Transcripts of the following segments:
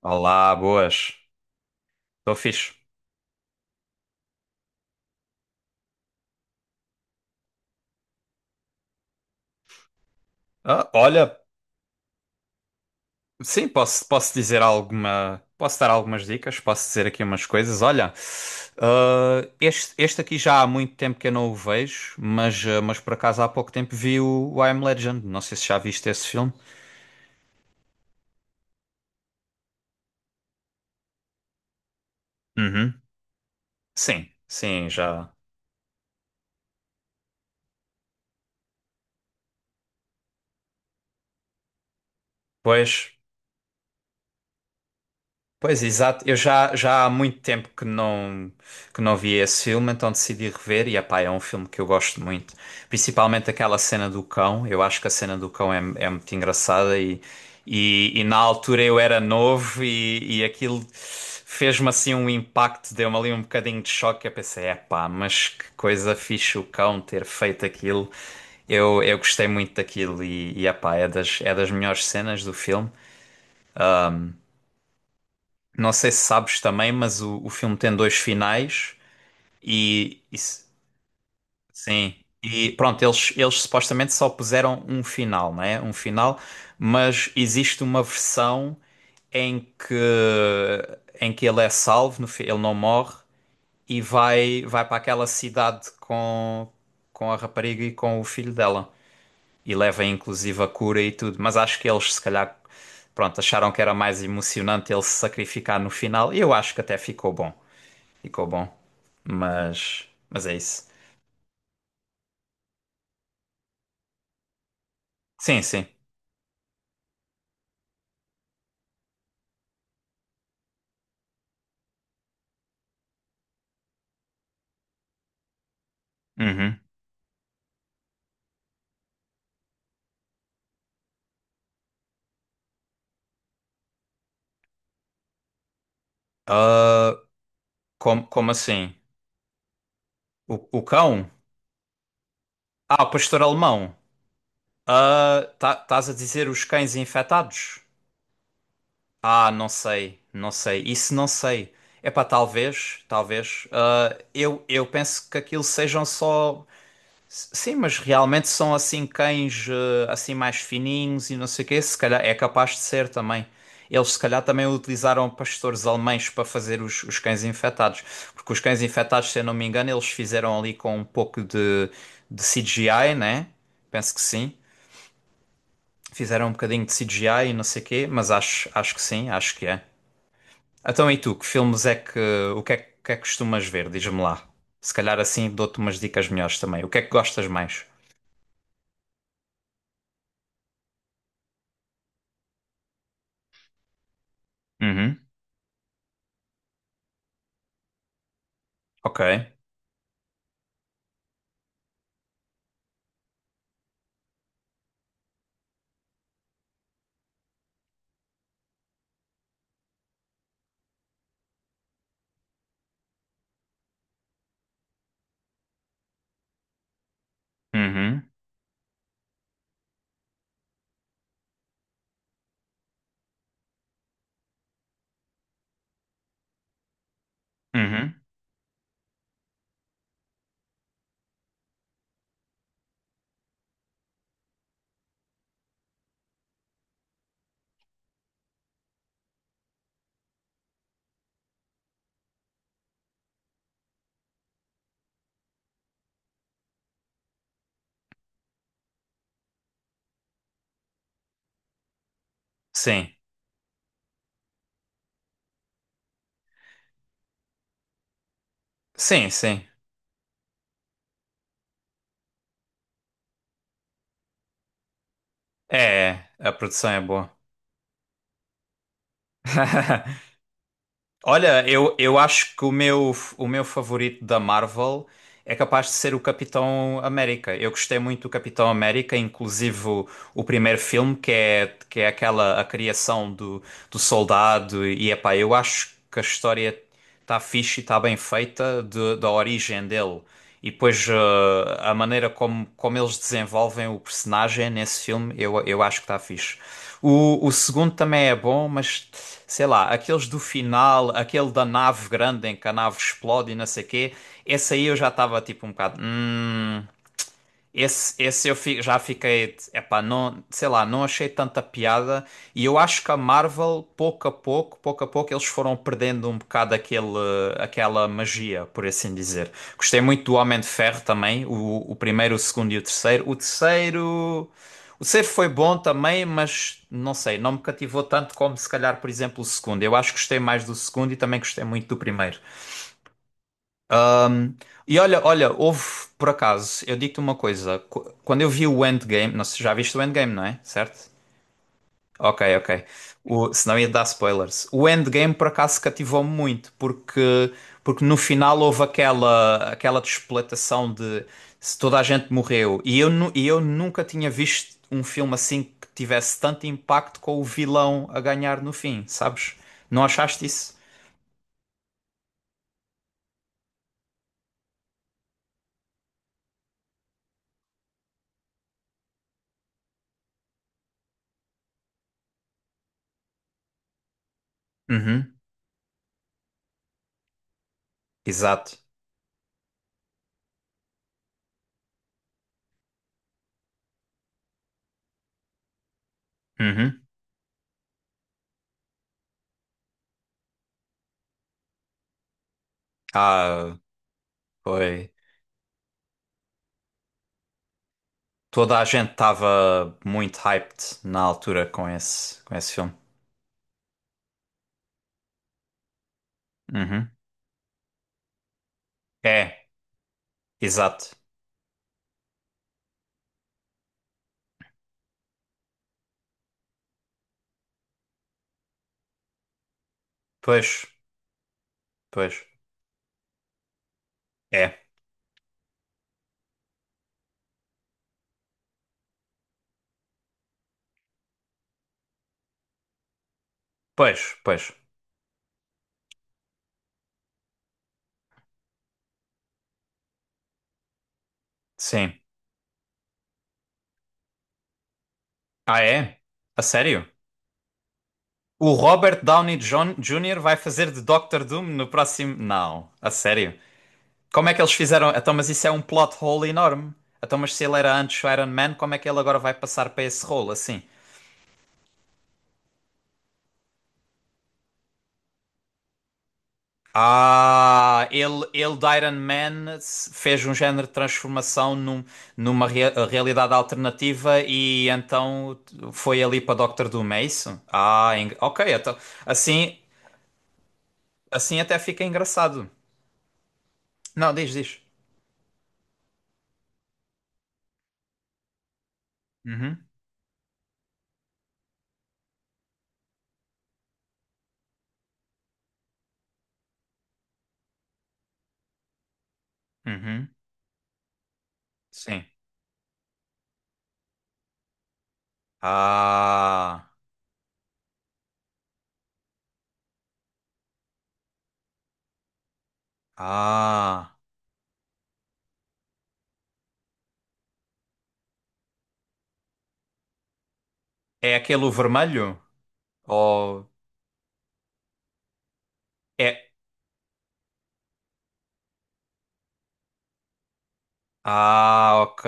Olá, boas. Estou fixe. Olha, posso dizer alguma. Posso dar algumas dicas, posso dizer aqui umas coisas. Olha, este aqui já há muito tempo que eu não o vejo, mas, mas por acaso há pouco tempo vi o I Am Legend. Não sei se já viste esse filme. Uhum. Sim, sim, já. Pois. Pois, exato. Já há muito tempo que não vi esse filme, então decidi rever e, epá, é um filme que eu gosto muito. Principalmente aquela cena do cão. Eu acho que a cena do cão é muito engraçada e na altura eu era novo e aquilo fez-me assim um impacto, deu-me ali um bocadinho de choque. Eu pensei, epá, mas que coisa fixe o cão ter feito aquilo. Eu gostei muito daquilo e epá, é das melhores cenas do filme. Não sei se sabes também, mas o filme tem dois finais e sim. E pronto, eles supostamente só puseram um final, não é? Um final, mas existe uma versão em que em que ele é salvo, ele não morre e vai para aquela cidade com a rapariga e com o filho dela e leva inclusive a cura e tudo, mas acho que eles se calhar pronto, acharam que era mais emocionante ele se sacrificar no final e eu acho que até ficou bom. Ficou bom. Mas é isso. Sim, sim. Uhum. Como assim? O cão? Ah, o pastor alemão. Ah, tá, estás a dizer os cães infectados? Ah, não sei, não sei. Isso não sei. Epá, talvez, talvez. Eu penso que aquilo sejam só. Sim, mas realmente são assim cães assim mais fininhos e não sei o quê, se calhar é capaz de ser também. Eles se calhar também utilizaram pastores alemães para fazer os cães infectados, porque os cães infectados, se eu não me engano, eles fizeram ali com um pouco de CGI, né? Penso que sim. Fizeram um bocadinho de CGI e não sei o quê, mas acho, acho que sim, acho que é. Então e tu, que filmes é que, que é que costumas ver? Diz-me lá. Se calhar assim dou-te umas dicas melhores também. O que é que gostas mais? Uhum. Ok. Uhum, uhum. Sim, sim, sim. É, é, a produção é boa. Olha, eu acho que o meu favorito da Marvel é capaz de ser o Capitão América. Eu gostei muito do Capitão América, inclusive o primeiro filme, que é aquela a criação do soldado. E epá, eu acho que a história está fixe e está bem feita da origem dele. E depois a maneira como eles desenvolvem o personagem nesse filme, eu acho que está fixe. O segundo também é bom, mas sei lá, aqueles do final, aquele da nave grande em que a nave explode e não sei o quê, esse aí eu já estava tipo um bocado. Esse eu já fiquei, epá, não, sei lá, não achei tanta piada e eu acho que a Marvel, pouco a pouco, eles foram perdendo um bocado aquele, aquela magia, por assim dizer. Gostei muito do Homem de Ferro também, o primeiro, o segundo e o terceiro. O terceiro foi bom também, mas não sei, não me cativou tanto como se calhar, por exemplo, o segundo. Eu acho que gostei mais do segundo e também gostei muito do primeiro. E olha, olha, houve, por acaso, eu digo-te uma coisa. Quando eu vi o Endgame, não sei, já viste o Endgame, não é? Certo? Ok, ok. O, senão ia dar spoilers. O Endgame, por acaso, cativou-me muito, porque, porque no final houve aquela, aquela despletação de se toda a gente morreu. E eu nunca tinha visto um filme assim que tivesse tanto impacto com o vilão a ganhar no fim, sabes? Não achaste isso? Uhum, exato. Uhum. Ah, foi. Toda a gente estava muito hyped na altura com esse filme. Uhum. É, exato. Pois, pois. É. Pois, pois. Sim. Ah, é? A sério? O Robert Jr. vai fazer de Doctor Doom no próximo. Não, a sério. Como é que eles fizeram? Então, mas isso é um plot hole enorme. Então, mas se ele era antes o Iron Man, como é que ele agora vai passar para esse rolo assim? Ele de Iron Man fez um género de transformação numa realidade alternativa e então foi ali para Doctor Doom, é isso? Ok, então, assim, assim até fica engraçado. Não, diz, diz. Uhum, uhum, sim. Ah, ah, é aquele o vermelho? Ou é? Ah, ok,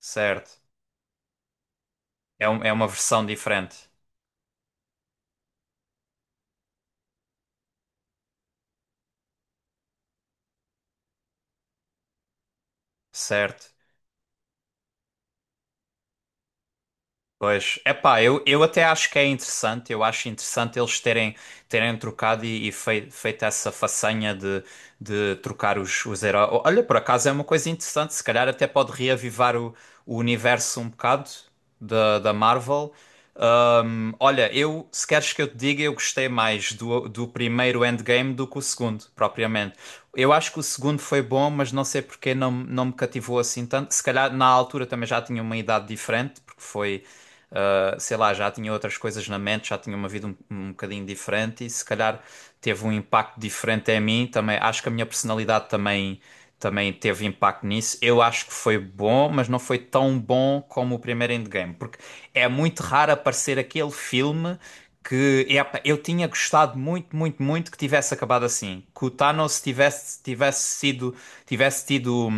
certo. É, é uma versão diferente, certo? Pois, epá, eu até acho que é interessante, eu acho interessante eles terem, terem trocado e feito essa façanha de trocar os heróis. Olha, por acaso é uma coisa interessante, se calhar até pode reavivar o universo um bocado da Marvel. Olha, eu, se queres que eu te diga, eu gostei mais do primeiro Endgame do que o segundo, propriamente. Eu acho que o segundo foi bom, mas não sei porque não me cativou assim tanto. Se calhar na altura também já tinha uma idade diferente, porque foi sei lá, já tinha outras coisas na mente, já tinha uma vida um bocadinho diferente e se calhar teve um impacto diferente em mim também. Acho que a minha personalidade também teve impacto nisso. Eu acho que foi bom, mas não foi tão bom como o primeiro Endgame, porque é muito raro aparecer aquele filme que epá, eu tinha gostado muito, muito, muito que tivesse acabado assim, que o Thanos tivesse tivesse sido tivesse tido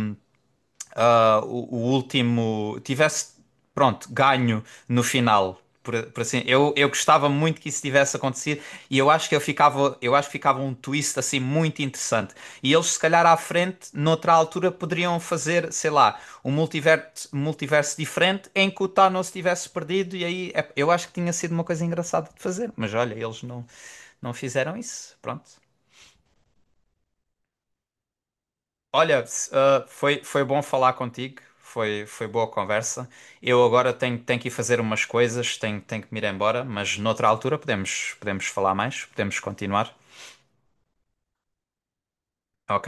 o último tivesse, pronto, ganho no final. Por assim, eu gostava muito que isso tivesse acontecido e eu acho que eu ficava, eu acho que ficava um twist assim muito interessante. E eles, se calhar, à frente, noutra altura, poderiam fazer, sei lá, um multiverso, multiverso diferente em que o Thanos tivesse perdido. E eu acho que tinha sido uma coisa engraçada de fazer, mas olha, eles não, não fizeram isso. Pronto. Olha, foi bom falar contigo, foi boa conversa. Tenho que ir fazer umas coisas, tenho que me ir embora, mas noutra altura podemos falar mais, podemos continuar, ok?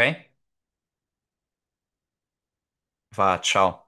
Vá, tchau.